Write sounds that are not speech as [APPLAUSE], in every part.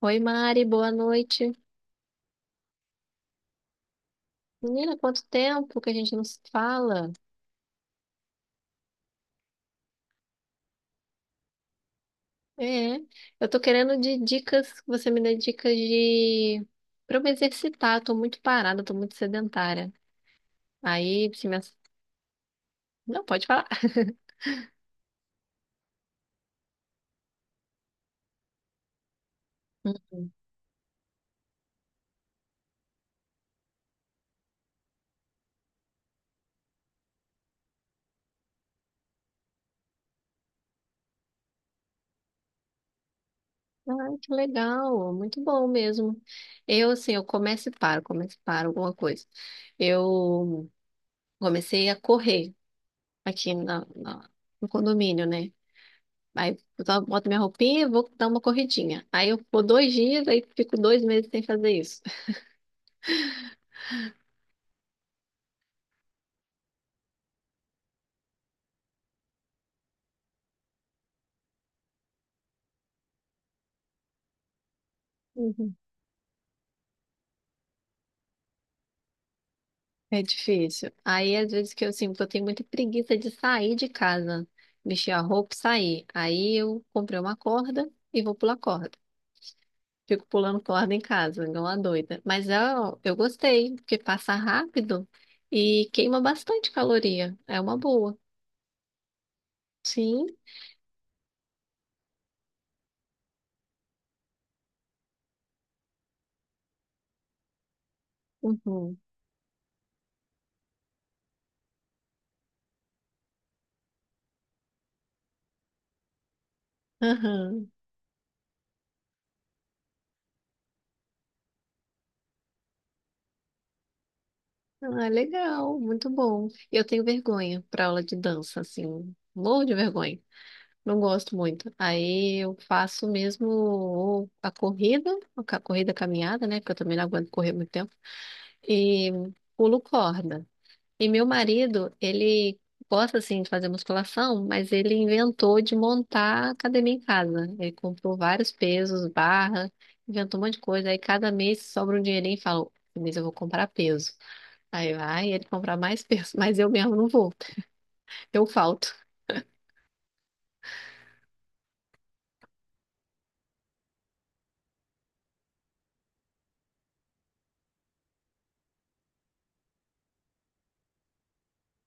Oi, Mari, boa noite. Menina, quanto tempo que a gente não se fala? É, eu tô querendo de dicas, que você me dê dicas de para eu me exercitar, tô muito parada, tô muito sedentária. Aí, se me... ass- Não, pode falar. [LAUGHS] Ah, que legal, muito bom mesmo. Eu, assim, eu começo e paro alguma coisa. Eu comecei a correr aqui no condomínio, né? Aí eu só boto minha roupinha e vou dar uma corridinha. Aí eu vou 2 dias, aí fico 2 meses sem fazer isso. Uhum. [LAUGHS] É difícil. Aí às vezes que eu sinto, eu tenho muita preguiça de sair de casa, mexer a roupa e sair. Aí eu comprei uma corda e vou pular corda. Fico pulando corda em casa, igual uma doida. Mas eu gostei, porque passa rápido e queima bastante caloria. É uma boa. Sim. Uhum. Aham. Ah, legal, muito bom. Eu tenho vergonha para aula de dança, assim, morro de vergonha. Não gosto muito. Aí eu faço mesmo ou a corrida, a ca- corrida caminhada, né? Porque eu também não aguento correr muito tempo. E pulo corda. E meu marido, ele gosta, assim, de fazer musculação, mas ele inventou de montar academia em casa. Ele comprou vários pesos, barra, inventou um monte de coisa. Aí cada mês sobra um dinheirinho e fala, "Esse mês eu vou comprar peso. Aí vai ele comprar mais peso, mas eu mesmo não vou, eu falto.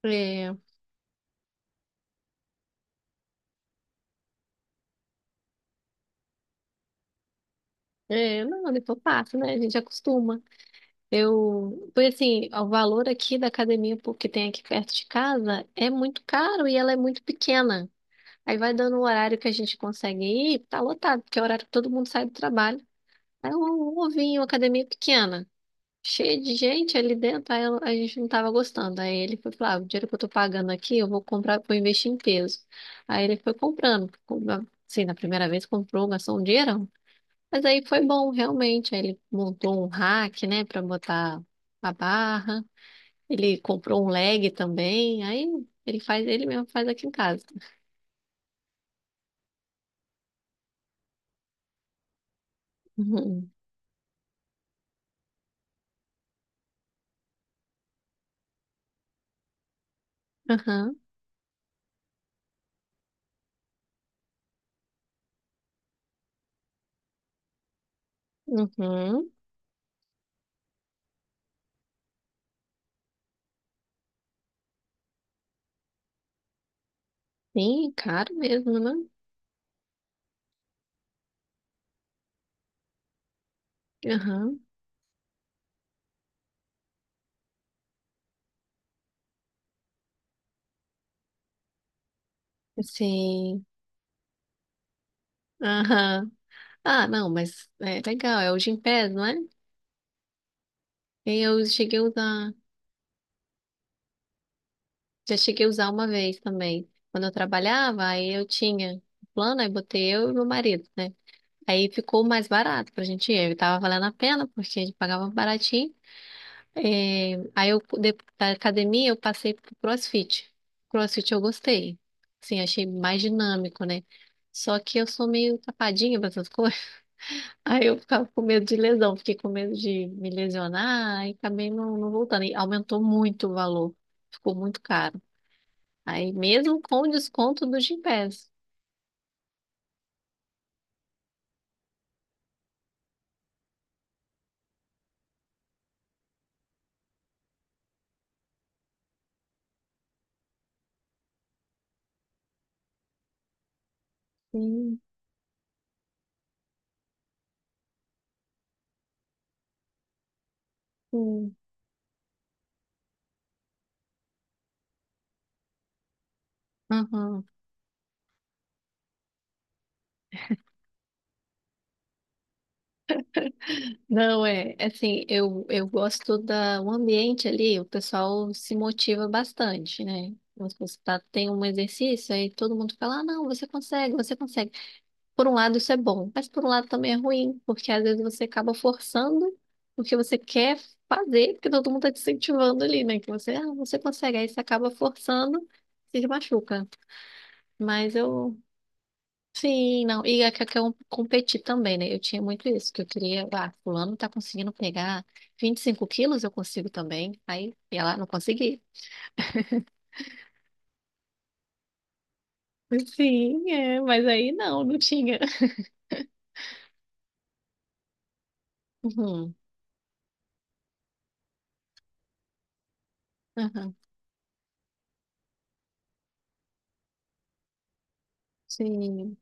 É, é, não, depois passa, né? A gente acostuma. Eu, porque assim, o valor aqui da academia pú- que tem aqui perto de casa é muito caro e ela é muito pequena. Aí vai dando o horário que a gente consegue ir, tá lotado, porque é o horário que todo mundo sai do trabalho. Aí um ovinho, academia pequena. Cheio de gente ali dentro, aí ela- a gente não tava gostando. Aí ele foi falar, ah, o dinheiro que eu tô pagando aqui, eu vou comprar, vou investir em peso. Aí ele foi comprando, compra- assim, na primeira vez comprou, gastou um dinheirão. Mas aí foi bom, realmente. Aí ele montou um rack, né, pra botar a barra. Ele comprou um leg também. Aí ele faz, ele mesmo faz aqui em casa. Uhum. Aham. Uhum. Sim, caro mesmo, né? Aham. Sim. Aham. Ah, não, mas é legal, é o Gympass, não é? E eu cheguei a usar, já cheguei a usar uma vez também. Quando eu trabalhava, aí eu tinha o plano, aí botei eu e meu marido, né? Aí ficou mais barato pra gente ir, aí tava valendo a pena, porque a gente pagava baratinho. É, aí eu, de- da academia, eu passei pro CrossFit. CrossFit eu gostei, assim, achei mais dinâmico, né? Só que eu sou meio tapadinha pra essas coisas. Aí eu ficava com medo de lesão, fiquei com medo de me lesionar e acabei não, não voltando. E aumentou muito o valor, ficou muito caro. Aí mesmo com o desconto do Gympass. Sim, sim. Aham. Não, é, é assim, eu gosto da, o ambiente ali, o pessoal se motiva bastante, né? Você tá, tem um exercício, aí todo mundo fala, ah, não, você consegue, você consegue. Por um lado, isso é bom, mas por um lado também é ruim, porque às vezes você acaba forçando o que você quer fazer, porque todo mundo está te incentivando ali, né? Que você, ah, você consegue, aí você acaba forçando e se machuca. Mas eu, sim, não. E é que eu quero competir também, né? Eu tinha muito isso, que eu queria, ah, fulano tá conseguindo pegar 25 quilos, eu consigo também. Aí ia lá, não consegui. Sim, é, mas aí não, não tinha. Uhum, aham, sim.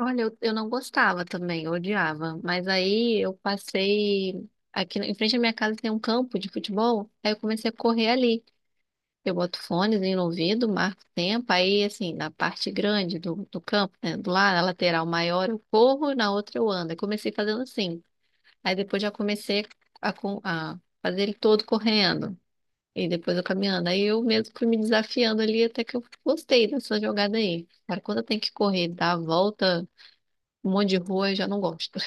Olha, eu não gostava também, eu odiava. Mas aí eu passei. Aqui em frente à minha casa tem um campo de futebol, aí eu comecei a correr ali. Eu boto fones no ouvido, marco o tempo, aí assim, na parte grande do campo, né, do lado, na lateral maior eu corro, na outra eu ando. Eu comecei fazendo assim. Aí depois já comecei a, com- a fazer ele todo correndo. E depois eu caminhando. Aí eu mesmo fui me desafiando ali até que eu gostei dessa jogada aí. Agora, quando eu tenho que correr, dar a volta. Um monte de rua eu já não gosto.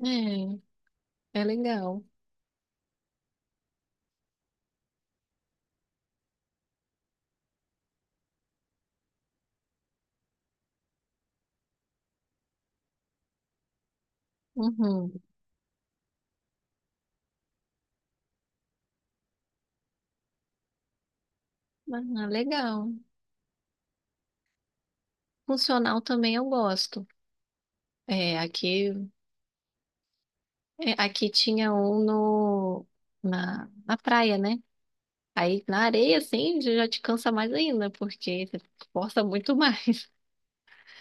É, é legal. Uhum. Ah, legal. Funcional também eu gosto. É, aqui, é, aqui tinha um no, na, na praia, né? Aí na areia, assim, já te cansa mais ainda, porque você força muito mais.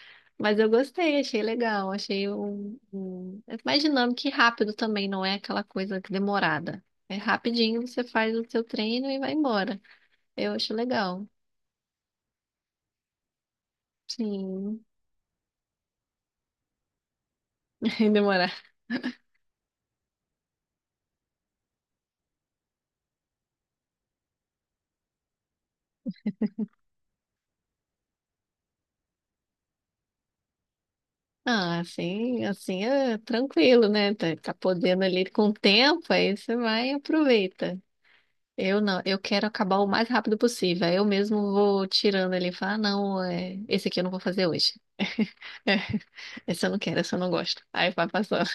[LAUGHS] Mas eu gostei, achei legal, achei um, um- é mais dinâmico e rápido também, não é aquela coisa que demorada. É rapidinho, você faz o seu treino e vai embora. Eu acho legal. Sim, [LAUGHS] demorar Ah, assim é tranquilo, né? Tá, tá podendo ali com o tempo, aí você vai e aproveita. Eu não, eu quero acabar o mais rápido possível. Aí eu mesmo vou tirando ali e falar, ah, não, é, esse aqui eu não vou fazer hoje. [LAUGHS] É, esse eu não quero, esse eu não gosto. Aí vai passando.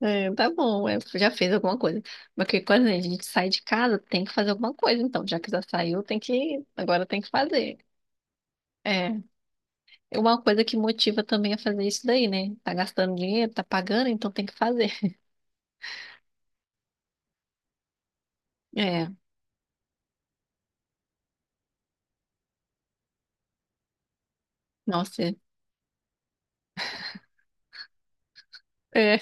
É, tá bom, é, já fez alguma coisa. Porque quando a gente sai de casa, tem que fazer alguma coisa. Então, já que já saiu, tem que, agora tem que fazer. É. É uma coisa que motiva também a fazer isso daí, né? Tá gastando dinheiro, tá pagando, então tem que fazer. É, nossa, é. É,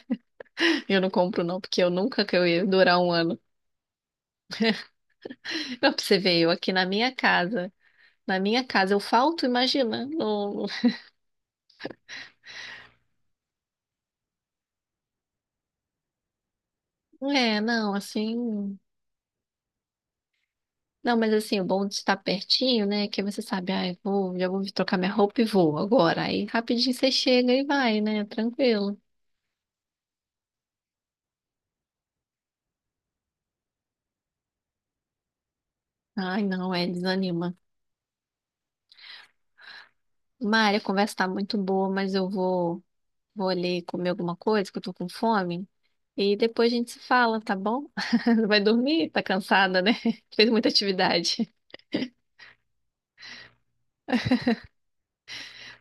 eu não compro não, porque eu nunca que eu ia durar um ano. Não, pra você ver, eu aqui na minha casa eu falto, imagina. Não, não- é, não, assim... Não, mas assim, o bom de estar pertinho, né? Que você sabe, ah, eu vou, já vou trocar minha roupa e vou agora. Aí rapidinho você chega e vai, né? Tranquilo. Ai, não, é, desanima. Mária, a conversa tá muito boa, mas eu vou... Vou ali comer alguma coisa, que eu tô com fome. E depois a gente se fala, tá bom? [LAUGHS] Vai dormir? Tá cansada, né? [LAUGHS] Fez muita atividade.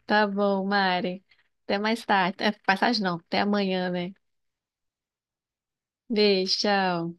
Tá bom, Mari. Até mais tarde. É, passagem não, até amanhã, né? Beijo, tchau.